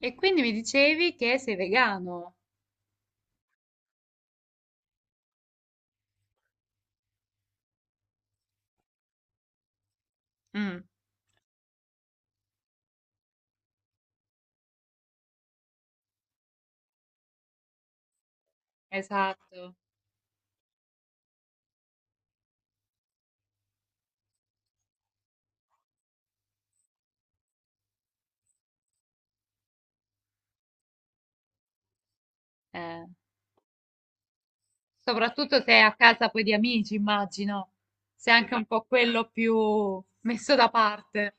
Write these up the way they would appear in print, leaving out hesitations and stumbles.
E quindi mi dicevi che sei vegano. Mm. Esatto. Eh, Soprattutto se è a casa poi di amici, immagino. Sei anche un po' quello più messo da parte.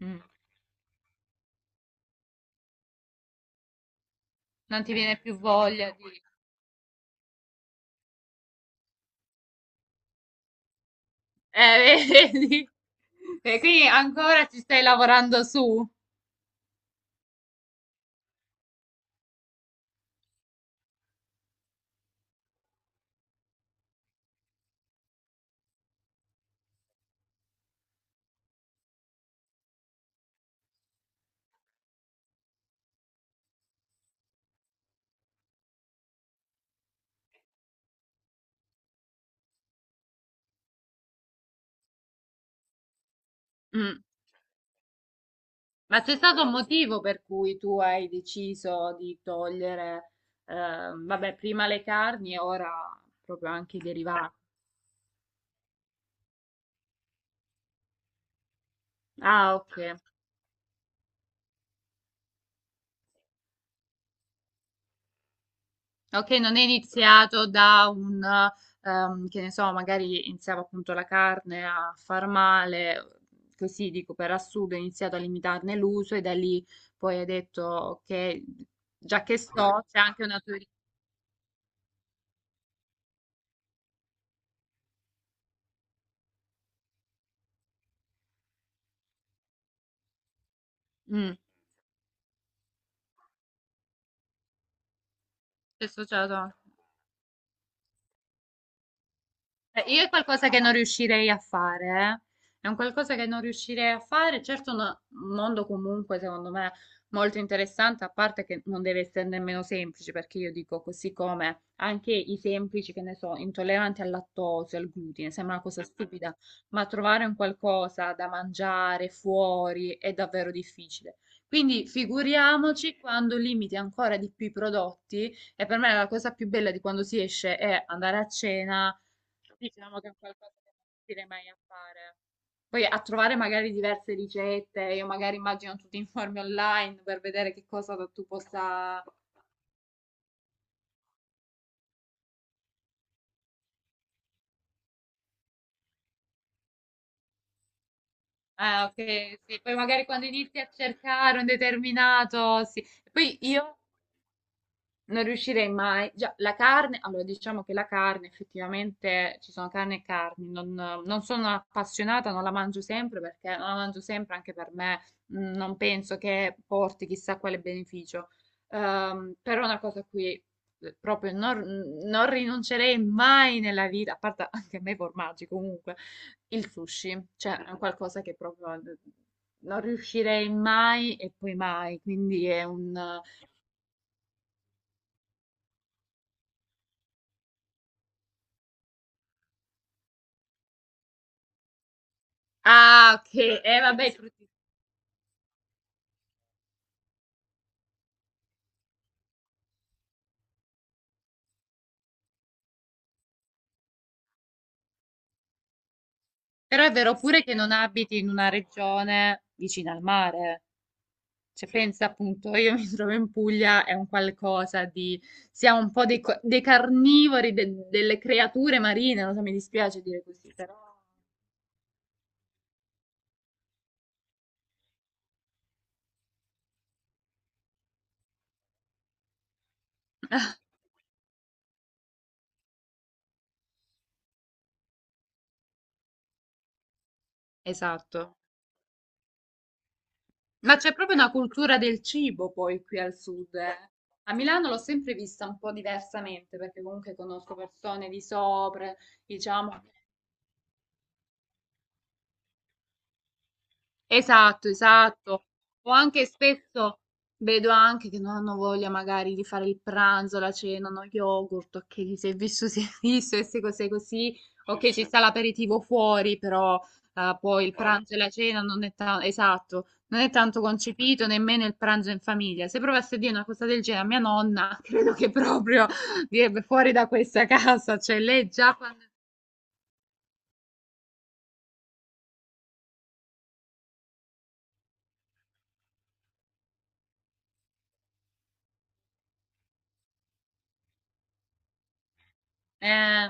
Mm. Non ti viene più voglia di... Eh, vedi? E quindi ancora ci stai lavorando su. Mm. Ma c'è stato un motivo per cui tu hai deciso di togliere, eh, vabbè, prima le carni e ora proprio anche i derivati. Ah, ok. Ok, non è iniziato da un, che ne so, magari iniziava appunto la carne a far male, così dico per assurdo, ha iniziato a limitarne l'uso e da lì poi hai detto che già che sto, c'è anche una teoria. Mm. C'è associato. Io è qualcosa che non riuscirei a fare, eh. È un qualcosa che non riuscirei a fare. Certo, un mondo comunque, secondo me, molto interessante, a parte che non deve essere nemmeno semplice, perché io dico così come anche i semplici, che ne so, intolleranti al lattosio, al glutine, sembra una cosa stupida, ma trovare un qualcosa da mangiare fuori è davvero difficile. Quindi figuriamoci quando limiti ancora di più i prodotti, e per me la cosa più bella di quando si esce è andare a cena. Diciamo che è un qualcosa che non riuscirei mai a fare. Poi a trovare magari diverse ricette, io magari immagino tu ti informi online per vedere che cosa tu possa... Ah, ok, sì. Poi magari quando inizi a cercare un determinato, sì. E poi io non riuscirei mai. Già, la carne, allora diciamo che la carne, effettivamente ci sono carne e carni. Non sono appassionata, non la mangio sempre perché non la mangio sempre anche per me. Non penso che porti chissà quale beneficio. Però una cosa a cui proprio non rinuncerei mai nella vita, a parte anche a me i formaggi comunque, il sushi, cioè è qualcosa che proprio non riuscirei mai e poi mai. Quindi è un. Ah, ok. Vabbè, però è vero, sì. Pure che non abiti in una regione vicina al mare. Cioè, pensa appunto, io mi trovo in Puglia, è un qualcosa di... Siamo un po' dei, dei carnivori, delle creature marine, non so, mi dispiace dire così, però... Esatto. Ma c'è proprio una cultura del cibo poi qui al sud, eh. A Milano l'ho sempre vista un po' diversamente, perché comunque conosco persone di sopra, diciamo. Esatto, esatto. O anche spesso vedo anche che non hanno voglia magari di fare il pranzo, la cena, uno yogurt, ok, chi si è visto si è visto e se cos'è così, ok, ci sta l'aperitivo fuori, però poi il pranzo e la cena non è tanto, esatto, non è tanto concepito nemmeno il pranzo in famiglia. Se provasse a dire una cosa del genere a mia nonna, credo che proprio direbbe fuori da questa casa, cioè lei già quando... eh,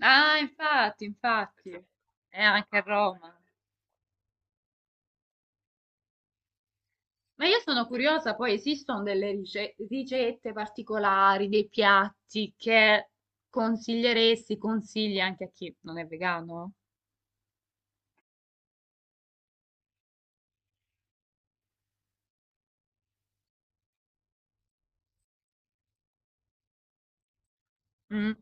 Ah, infatti, infatti, è anche a Roma. Ma io sono curiosa, poi esistono delle ricette particolari, dei piatti che consiglieresti, consigli anche a chi non è vegano? Mm.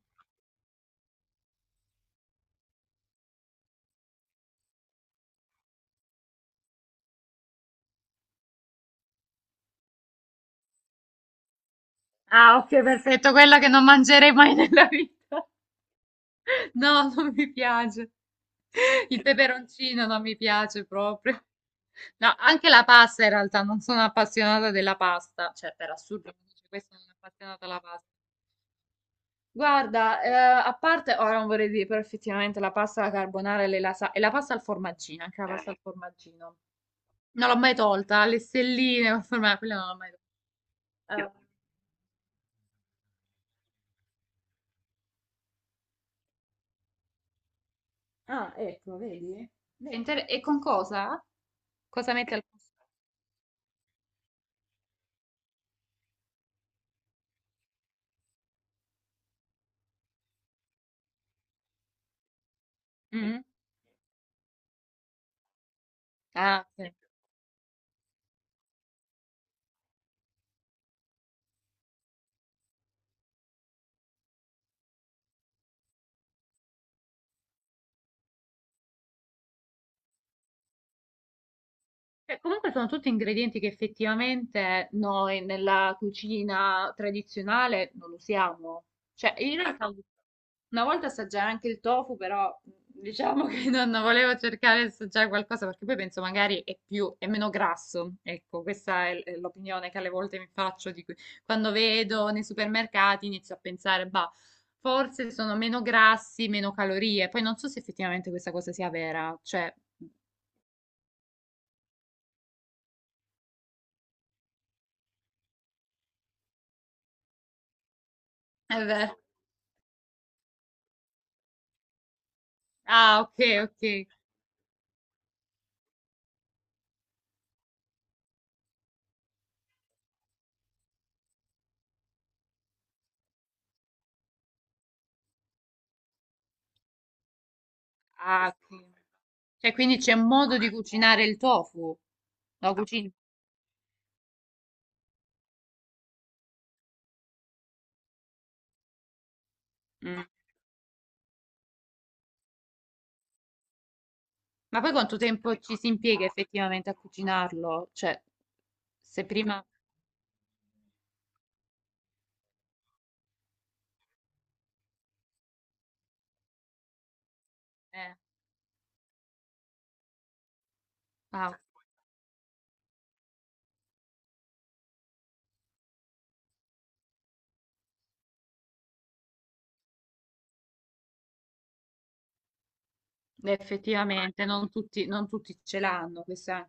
Ah, ok, perfetto, quella che non mangerei mai nella vita. No, non mi piace. Il peperoncino non mi piace proprio. No, anche la pasta in realtà, non sono appassionata della pasta, cioè per assurdo, mi dice, questo non è appassionata alla pasta. Guarda, a parte, ora non vorrei dire, però effettivamente la pasta alla carbonara e, e la pasta al formaggino, anche la pasta al formaggino. Non l'ho mai tolta, le stelline, col formaggio, quella non l'ho mai. Ah, tolta. Ecco, vedi? È Vedi? E con cosa? Cosa mette al posto? Mm? Ah, sì. Cioè, comunque sono tutti ingredienti che effettivamente noi nella cucina tradizionale non usiamo. Cioè, in realtà una volta assaggiare anche il tofu, però diciamo che non volevo cercare di assaggiare qualcosa perché poi penso magari è più, è meno grasso. Ecco, questa è è l'opinione che alle volte mi faccio di quando vedo nei supermercati inizio a pensare, bah, forse sono meno grassi, meno calorie. Poi non so se effettivamente questa cosa sia vera, cioè è vero. Ah, ok, ok. Ah, ok. Cioè, quindi c'è un modo di cucinare il tofu. Lo cucini? Mm. Ma poi quanto tempo ci si impiega effettivamente a cucinarlo? Cioè, se prima... eh, ah, effettivamente, non tutti ce l'hanno, questa.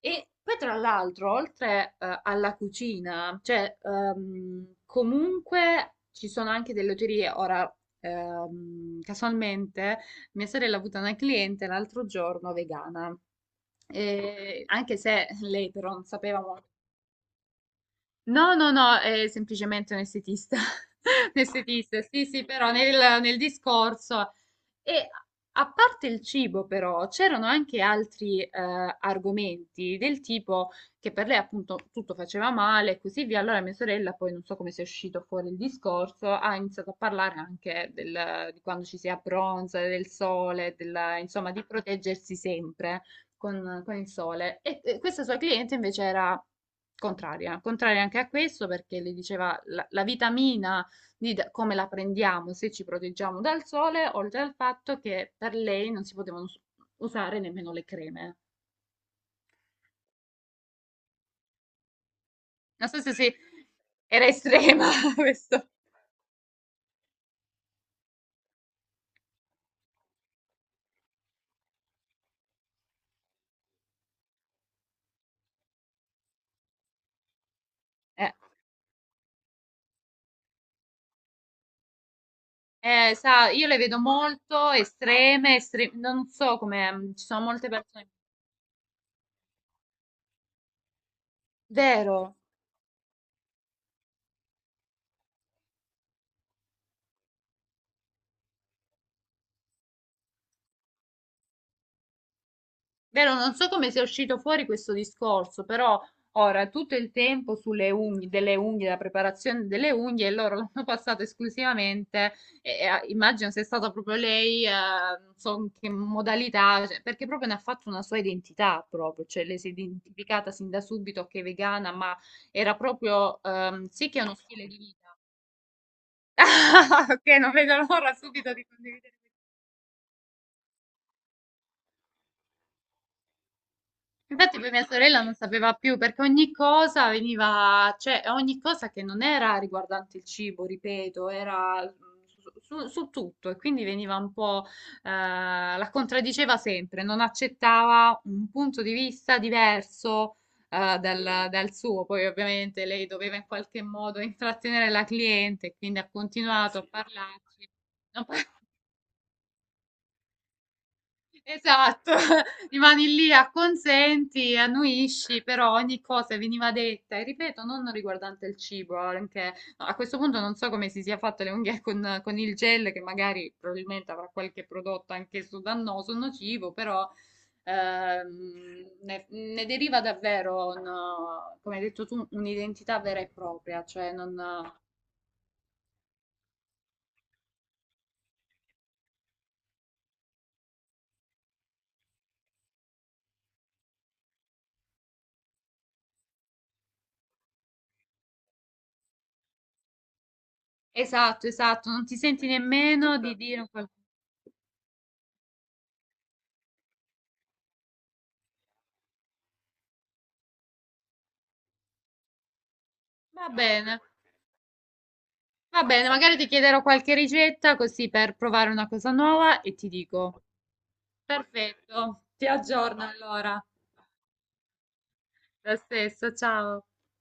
E poi tra l'altro, oltre alla cucina, cioè comunque ci sono anche delle oterie. Ora, casualmente, mia sorella ha avuto una cliente l'altro giorno vegana. E anche se lei però non sapeva. No, no, no, è semplicemente un estetista. Un estetista, sì, sì, però nel discorso. E a parte il cibo, però, c'erano anche altri argomenti del tipo che per lei appunto tutto faceva male e così via. Allora mia sorella, poi non so come sia uscito fuori il discorso, ha iniziato a parlare anche di quando ci si abbronza, del sole, insomma, di proteggersi sempre con il sole. E questa sua cliente invece era contraria, contraria anche a questo perché le diceva la vitamina D come la prendiamo se ci proteggiamo dal sole, oltre al fatto che per lei non si potevano usare nemmeno le creme. Non so se era estrema questo. Eh, Sa, io le vedo molto estreme, non so come ci sono molte persone. Vero. Vero, non so come sia uscito fuori questo discorso, però ora tutto il tempo sulle unghie, delle unghie, la preparazione delle unghie, e loro l'hanno passato esclusivamente, ah, immagino sia stata proprio lei, non so in che modalità, cioè, perché proprio ne ha fatto una sua identità proprio, cioè lei si è identificata sin da subito che è vegana, ma era proprio, sì che è uno stile di vita. Ok, non vedo l'ora subito di condividere. Infatti poi mia sorella non sapeva più perché ogni cosa veniva, cioè ogni cosa che non era riguardante il cibo, ripeto, era su tutto e quindi veniva un po', la contraddiceva sempre, non accettava un punto di vista diverso, dal suo. Poi ovviamente lei doveva in qualche modo intrattenere la cliente, quindi ha continuato a parlarci. Esatto, rimani lì, acconsenti, annuisci, però ogni cosa veniva detta, e ripeto, non riguardante il cibo, anche no, a questo punto non so come si sia fatto le unghie con, il gel, che magari probabilmente avrà qualche prodotto anch'esso dannoso, nocivo, però ne deriva davvero, come hai detto tu, un'identità vera e propria, cioè non... Esatto, esatto, non ti senti nemmeno di dire... Va bene. Va bene, magari ti chiederò qualche ricetta così per provare una cosa nuova e ti dico. Perfetto, ti aggiorno allora. Lo stesso, ciao.